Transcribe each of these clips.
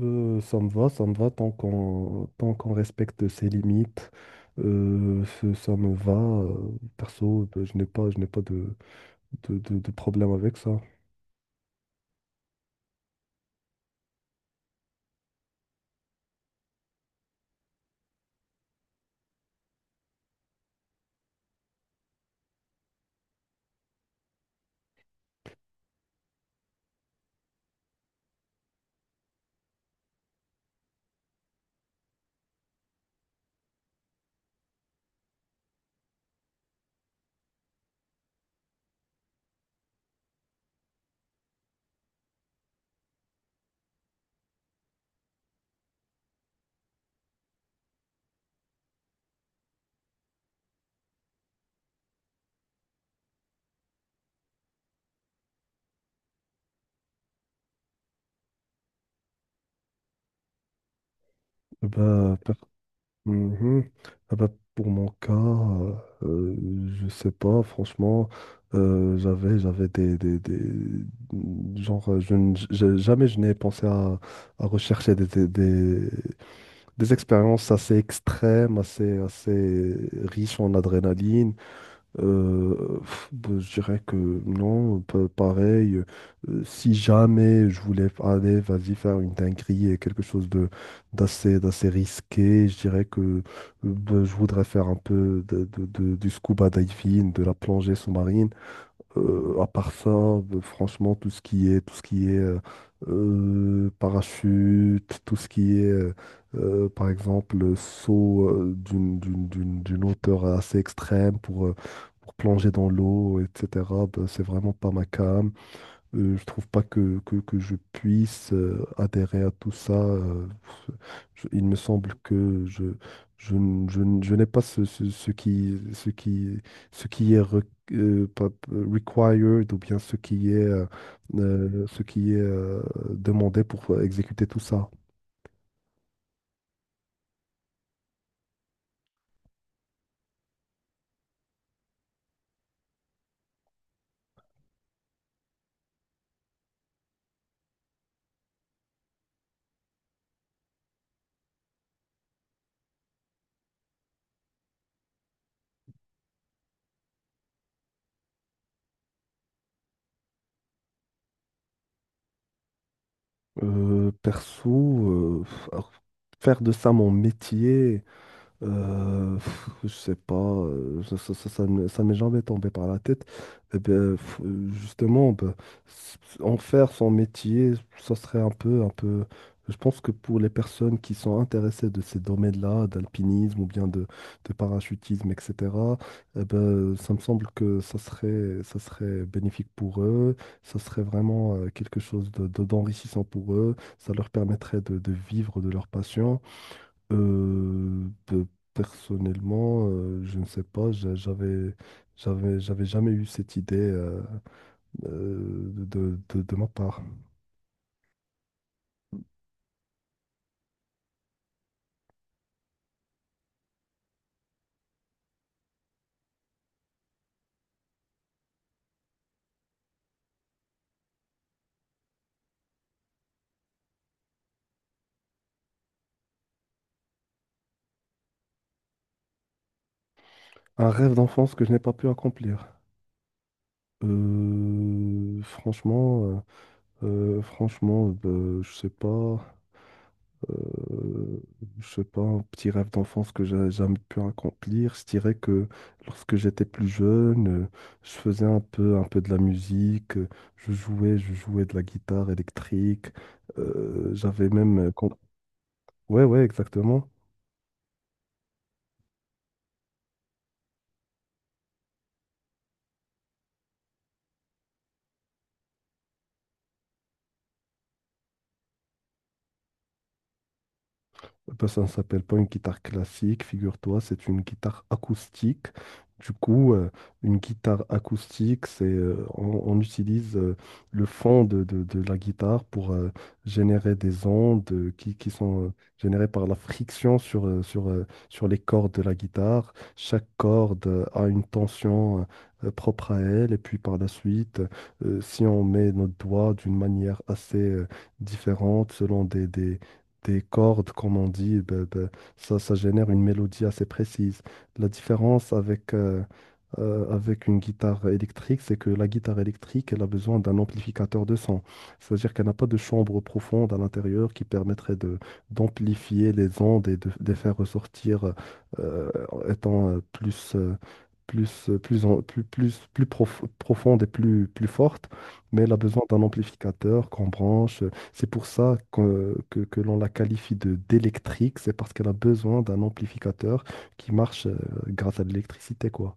Ça me va, ça me va tant qu'on respecte ses limites. Ça me va. Perso, ben, je n'ai pas de problème avec ça. Bah, per- Mhm. Ah bah, pour mon cas, euh, je sais pas, franchement, j'avais, j'avais des- Genre, je, ne- je- jamais je n'ai pensé à rechercher des expériences assez extrêmes, assez, assez riches en adrénaline. Bah, je dirais que non, pareil. Si jamais je voulais aller, vas-y, faire une dinguerie et quelque chose de d'assez d'assez risqué, je dirais que bah, je voudrais faire un peu du scuba diving, de la plongée sous-marine. À part ça, franchement, tout ce qui est, tout ce qui est parachute, tout ce qui est, par exemple, saut d'une, d'une hauteur assez extrême pour plonger dans l'eau, etc., ben, c'est vraiment pas ma came. Je trouve pas que, que je puisse adhérer à tout ça. Je- il me semble que je, je n'ai pas ce, ce, ce qui, ce qui, ce qui est re- pas- required ou bien ce qui est demandé pour exécuter tout ça. Perso, alors, faire de ça mon métier. Je sais pas, ça m'est jamais tombé par la tête. Eh bien, justement, ben, en faire son métier, ça serait un peu, un peu. Je pense que pour les personnes qui sont intéressées de ces domaines-là, d'alpinisme ou bien de parachutisme, etc., eh ben, ça me semble que ça serait bénéfique pour eux. Ça serait vraiment quelque chose de, d'enrichissant pour eux. Ça leur permettrait de vivre de leur passion. Euh, de- Personnellement, je ne sais pas, j'avais jamais eu cette idée de, de ma part. Un rêve d'enfance que je n'ai pas pu accomplir. Franchement, franchement, je sais pas. euh, je sais pas, un petit rêve d'enfance que j'ai jamais pu accomplir. Je dirais que lorsque j'étais plus jeune, je faisais un peu de la musique, je jouais de la guitare électrique. J'avais même, ouais, ouais, exactement. Eh ben, ça ne s'appelle pas une guitare classique, figure-toi, c'est une guitare acoustique. Du coup, une guitare acoustique, c'est, on utilise le fond de la guitare pour générer des ondes qui sont générées par la friction sur, sur, sur les cordes de la guitare. Chaque corde a une tension propre à elle. Et puis par la suite, si on met notre doigt d'une manière assez différente selon des cordes, comme on dit, ben, ben, ça génère une mélodie assez précise. La différence avec avec une guitare électrique, c'est que la guitare électrique, elle a besoin d'un amplificateur de son. C'est-à-dire qu'elle n'a pas de chambre profonde à l'intérieur qui permettrait de d'amplifier les ondes et de les faire ressortir euh, étant plus, plus, plus, plus, plus, profonde et plus, plus forte. Mais elle a besoin d'un amplificateur qu'on branche. C'est pour ça que l'on la qualifie de d'électrique. C'est parce qu'elle a besoin d'un amplificateur qui marche grâce à de l'électricité, quoi.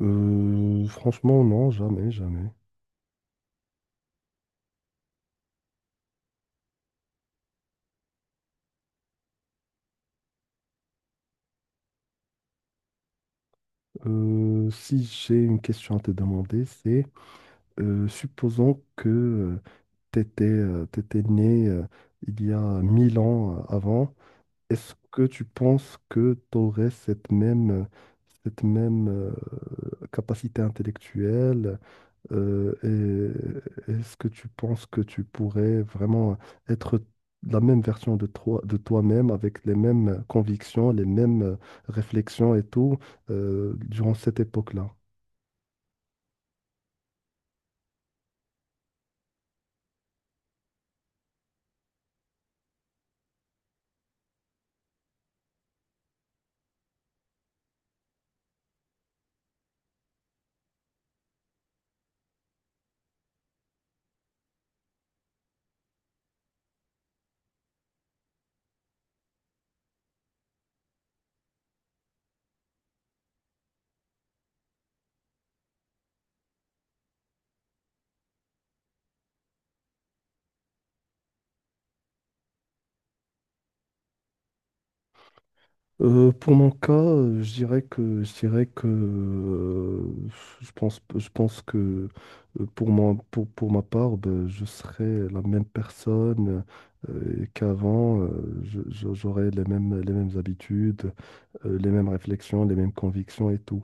Franchement, non, jamais, jamais. Si j'ai une question à te demander, c'est supposons que tu étais, né il y a 1000 ans avant, est-ce que tu penses que tu aurais cette même capacité intellectuelle? Euh, et est-ce que tu penses que tu pourrais vraiment être la même version de toi, de toi-même avec les mêmes convictions, les mêmes réflexions et tout durant cette époque-là? Pour mon cas, je dirais que je dirais que je pense que pour moi pour ma part, ben, je serais la même personne qu'avant. J'aurais les mêmes habitudes, les mêmes réflexions, les mêmes convictions et tout.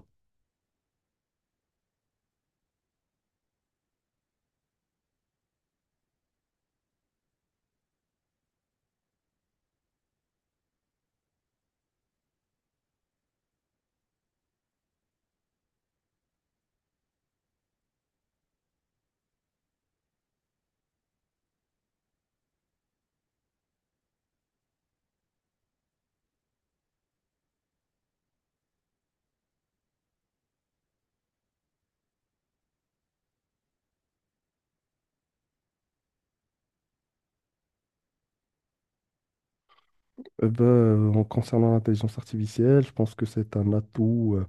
Ben, en concernant l'intelligence artificielle, je pense que c'est un atout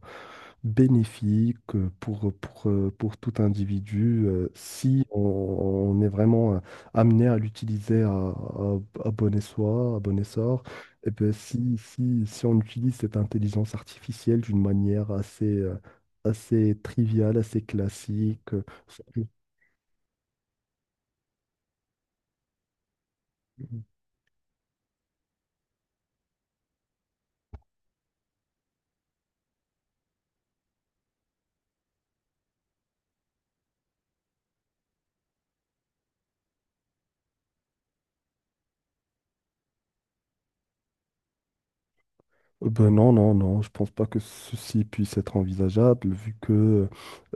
bénéfique pour tout individu si on, on est vraiment amené à l'utiliser à, à bon espoir, à bon essor. Et ben, si, si, si on utilise cette intelligence artificielle d'une manière assez, assez triviale, assez classique, Ben non, non, non, je pense pas que ceci puisse être envisageable vu que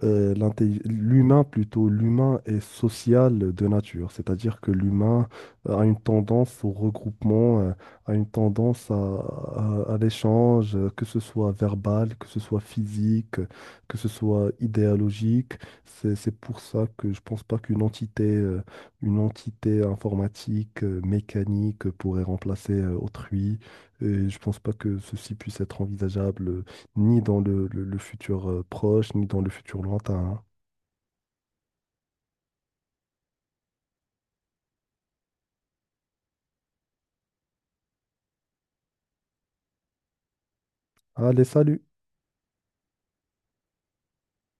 l'humain plutôt, l'humain est social de nature, c'est-à-dire que l'humain a une tendance au regroupement, a une tendance à, à l'échange, que ce soit verbal, que ce soit physique, que ce soit idéologique. C'est pour ça que je pense pas qu'une entité, une entité informatique, mécanique pourrait remplacer autrui. Et je pense pas que ceci puisse être envisageable ni dans le, le futur proche, ni dans le futur lointain. Hein. Allez, salut!